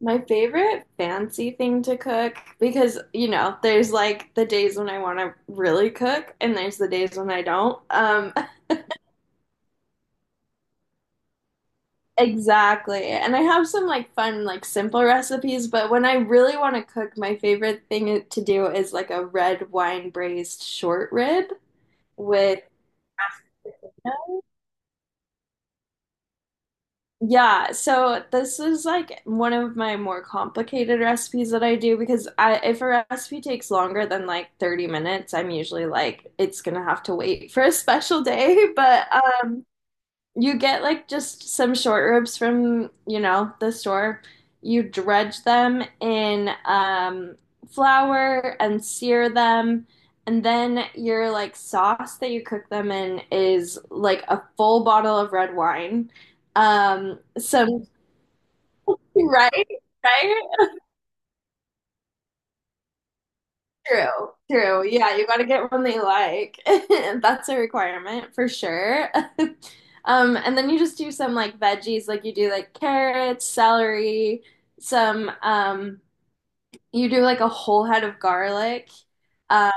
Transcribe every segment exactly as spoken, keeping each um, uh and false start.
My favorite fancy thing to cook, because you know, there's like the days when I want to really cook, and there's the days when I don't. Um, exactly. And I have some like fun, like simple recipes, but when I really want to cook, my favorite thing to do is like a red wine braised short rib with. Yeah, so this is like one of my more complicated recipes that I do because I if a recipe takes longer than like thirty minutes, I'm usually like it's gonna have to wait for a special day, but um you get like just some short ribs from, you know, the store. You dredge them in um, flour and sear them. And then your like sauce that you cook them in is like a full bottle of red wine. Um, some, right? Right? True, true. Yeah, you got to get one they like. That's a requirement for sure. Um, and then you just do some like veggies, like you do like carrots, celery, some um, you do like a whole head of garlic. Uh,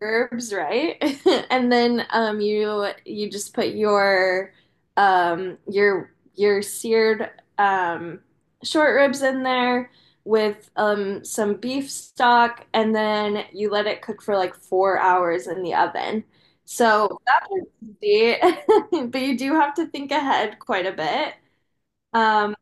herbs, right? And then um, you you just put your um, your your seared um, short ribs in there with um, some beef stock, and then you let it cook for like four hours in the oven. So that was easy, but you do have to think ahead quite a bit. Um,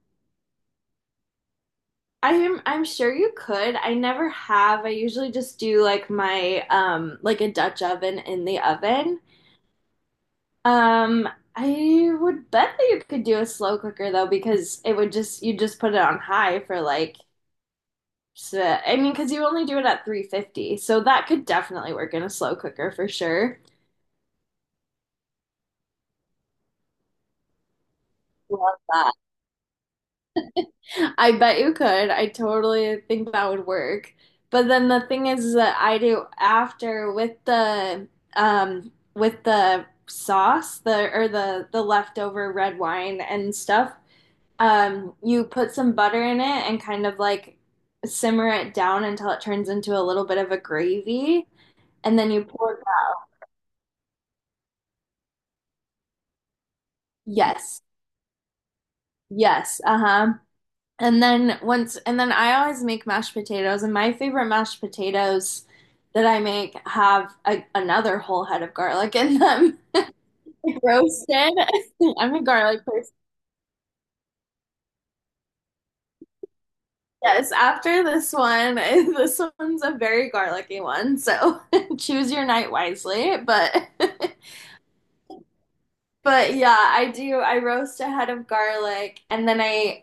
I am I'm sure you could. I never have. I usually just do like my um like a Dutch oven in the oven. Um, I would bet that you could do a slow cooker though, because it would just you just put it on high for like so, I mean, because you only do it at three fifty, so that could definitely work in a slow cooker for sure. Love that. I bet you could. I totally think that would work. But then the thing is that I do after with the um with the sauce, the or the the leftover red wine and stuff. Um, you put some butter in it and kind of like simmer it down until it turns into a little bit of a gravy, and then you pour it out. Yes. Yes. Uh-huh. And then once and then I always make mashed potatoes, and my favorite mashed potatoes that I make have a, another whole head of garlic in them. Roasted. I'm a garlic person. Yes, after this one, this one's a very garlicky one, so choose your night wisely, but But yeah, I do. I roast a head of garlic and then I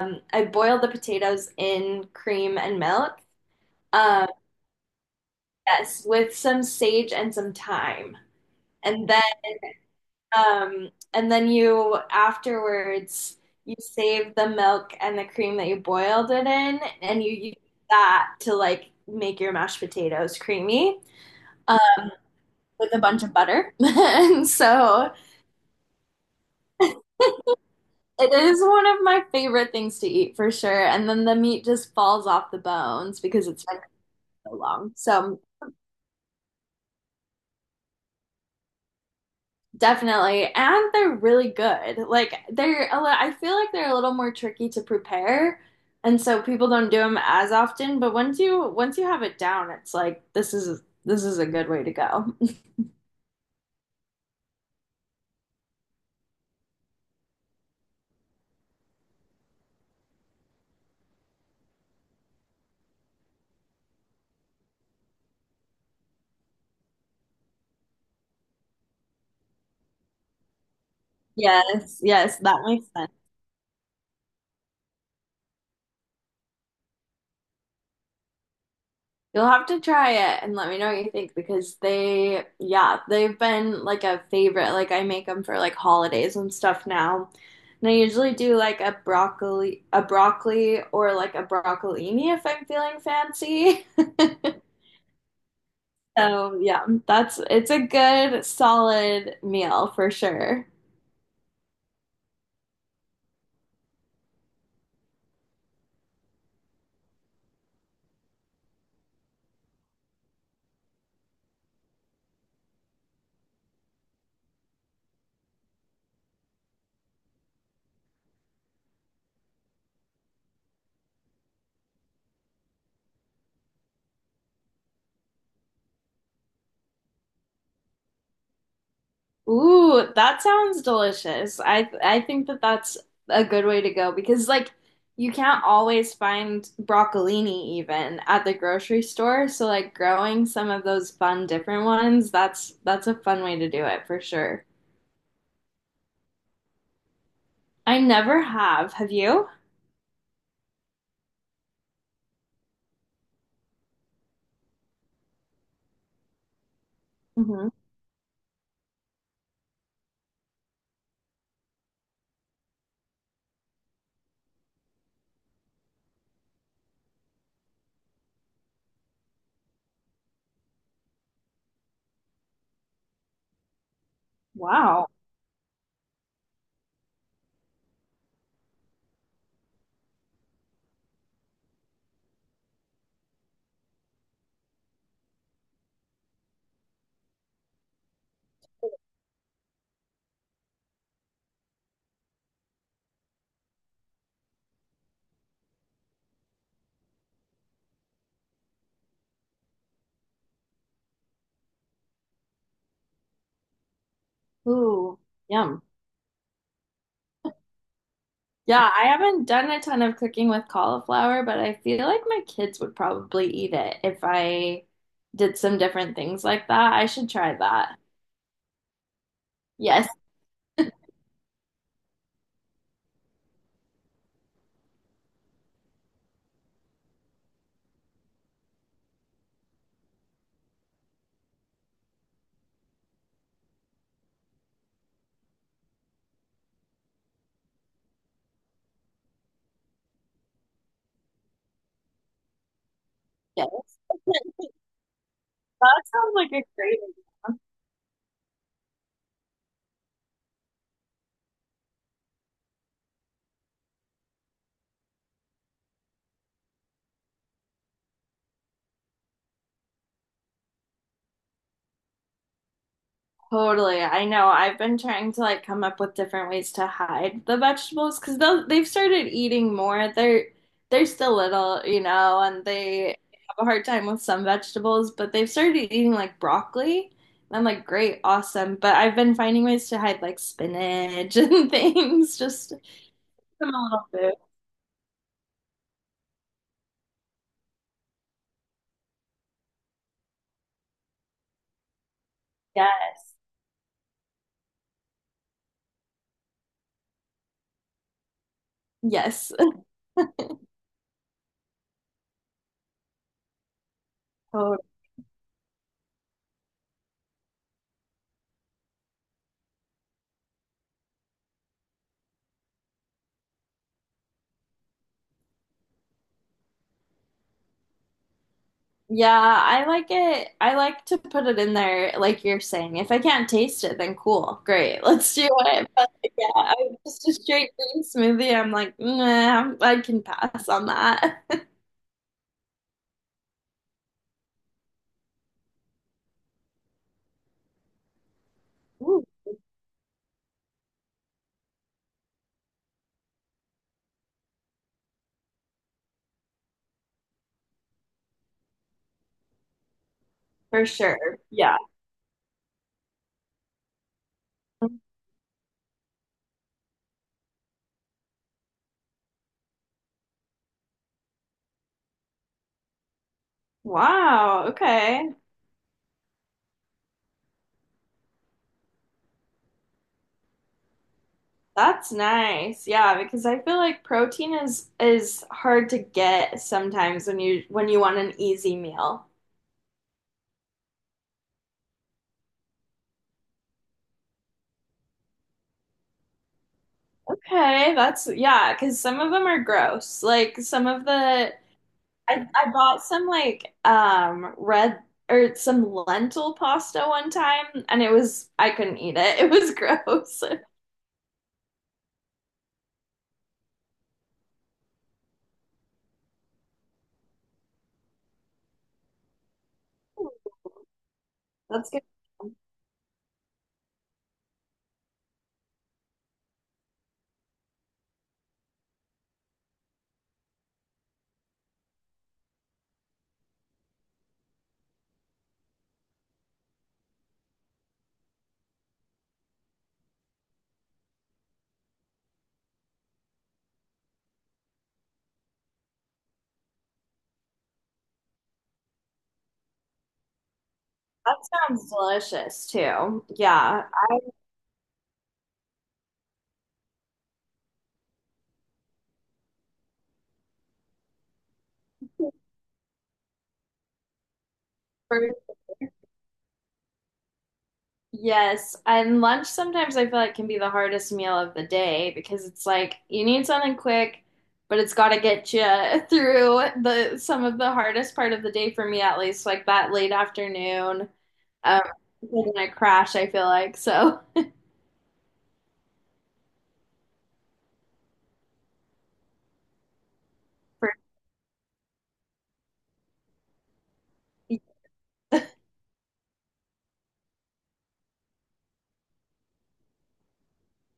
um I boil the potatoes in cream and milk. Um yes, with some sage and some thyme. And then um and then you afterwards you save the milk and the cream that you boiled it in and you use that to like make your mashed potatoes creamy uh, with a bunch of butter. And so it is one of my favorite things to eat for sure. And then the meat just falls off the bones because it's been so long. So definitely. And they're really good. Like they're a li- I feel like they're a little more tricky to prepare. And so people don't do them as often, but once you once you have it down, it's like this is this is a good way to go. Yes, yes, that makes sense. You'll have to try it and let me know what you think because they, yeah, they've been like a favorite. Like I make them for like holidays and stuff now. And I usually do like a broccoli, a broccoli or like a broccolini if I'm feeling fancy. So yeah, that's it's a good solid meal for sure. Ooh, that sounds delicious. I I think that that's a good way to go because like you can't always find broccolini even at the grocery store, so like growing some of those fun different ones, that's that's a fun way to do it for sure. I never have. Have you? Hmm. Wow. Ooh, yum. Yeah, I haven't done a ton of cooking with cauliflower, but I feel like my kids would probably eat it if I did some different things like that. I should try that. Yes, yes. That sounds like a great idea. Totally. I know. I've been trying to like come up with different ways to hide the vegetables because they've started eating more. They're they're still little, you know, and they have a hard time with some vegetables, but they've started eating like broccoli. And I'm like, great, awesome. But I've been finding ways to hide like spinach and things, just give them a little food. Yes. Yes. Yeah, I like it. I like to put it in there, like you're saying. If I can't taste it, then cool, great, let's do it. But yeah, I, just a straight green smoothie. I'm like, nah, I can pass on that. Ooh, for sure. Yeah. Wow, okay. That's nice. Yeah, because I feel like protein is is hard to get sometimes when you when you want an easy meal. Okay, that's yeah, because some of them are gross. Like some of the I, I bought some like um red or some lentil pasta one time and it was I couldn't eat it. It was gross. That's good. That sounds delicious too. Yeah. For- yes. And lunch sometimes I feel like can be the hardest meal of the day because it's like you need something quick, but it's got to get you through the some of the hardest part of the day for me at least, like that late afternoon. Um, in a crash, I feel like. So, for-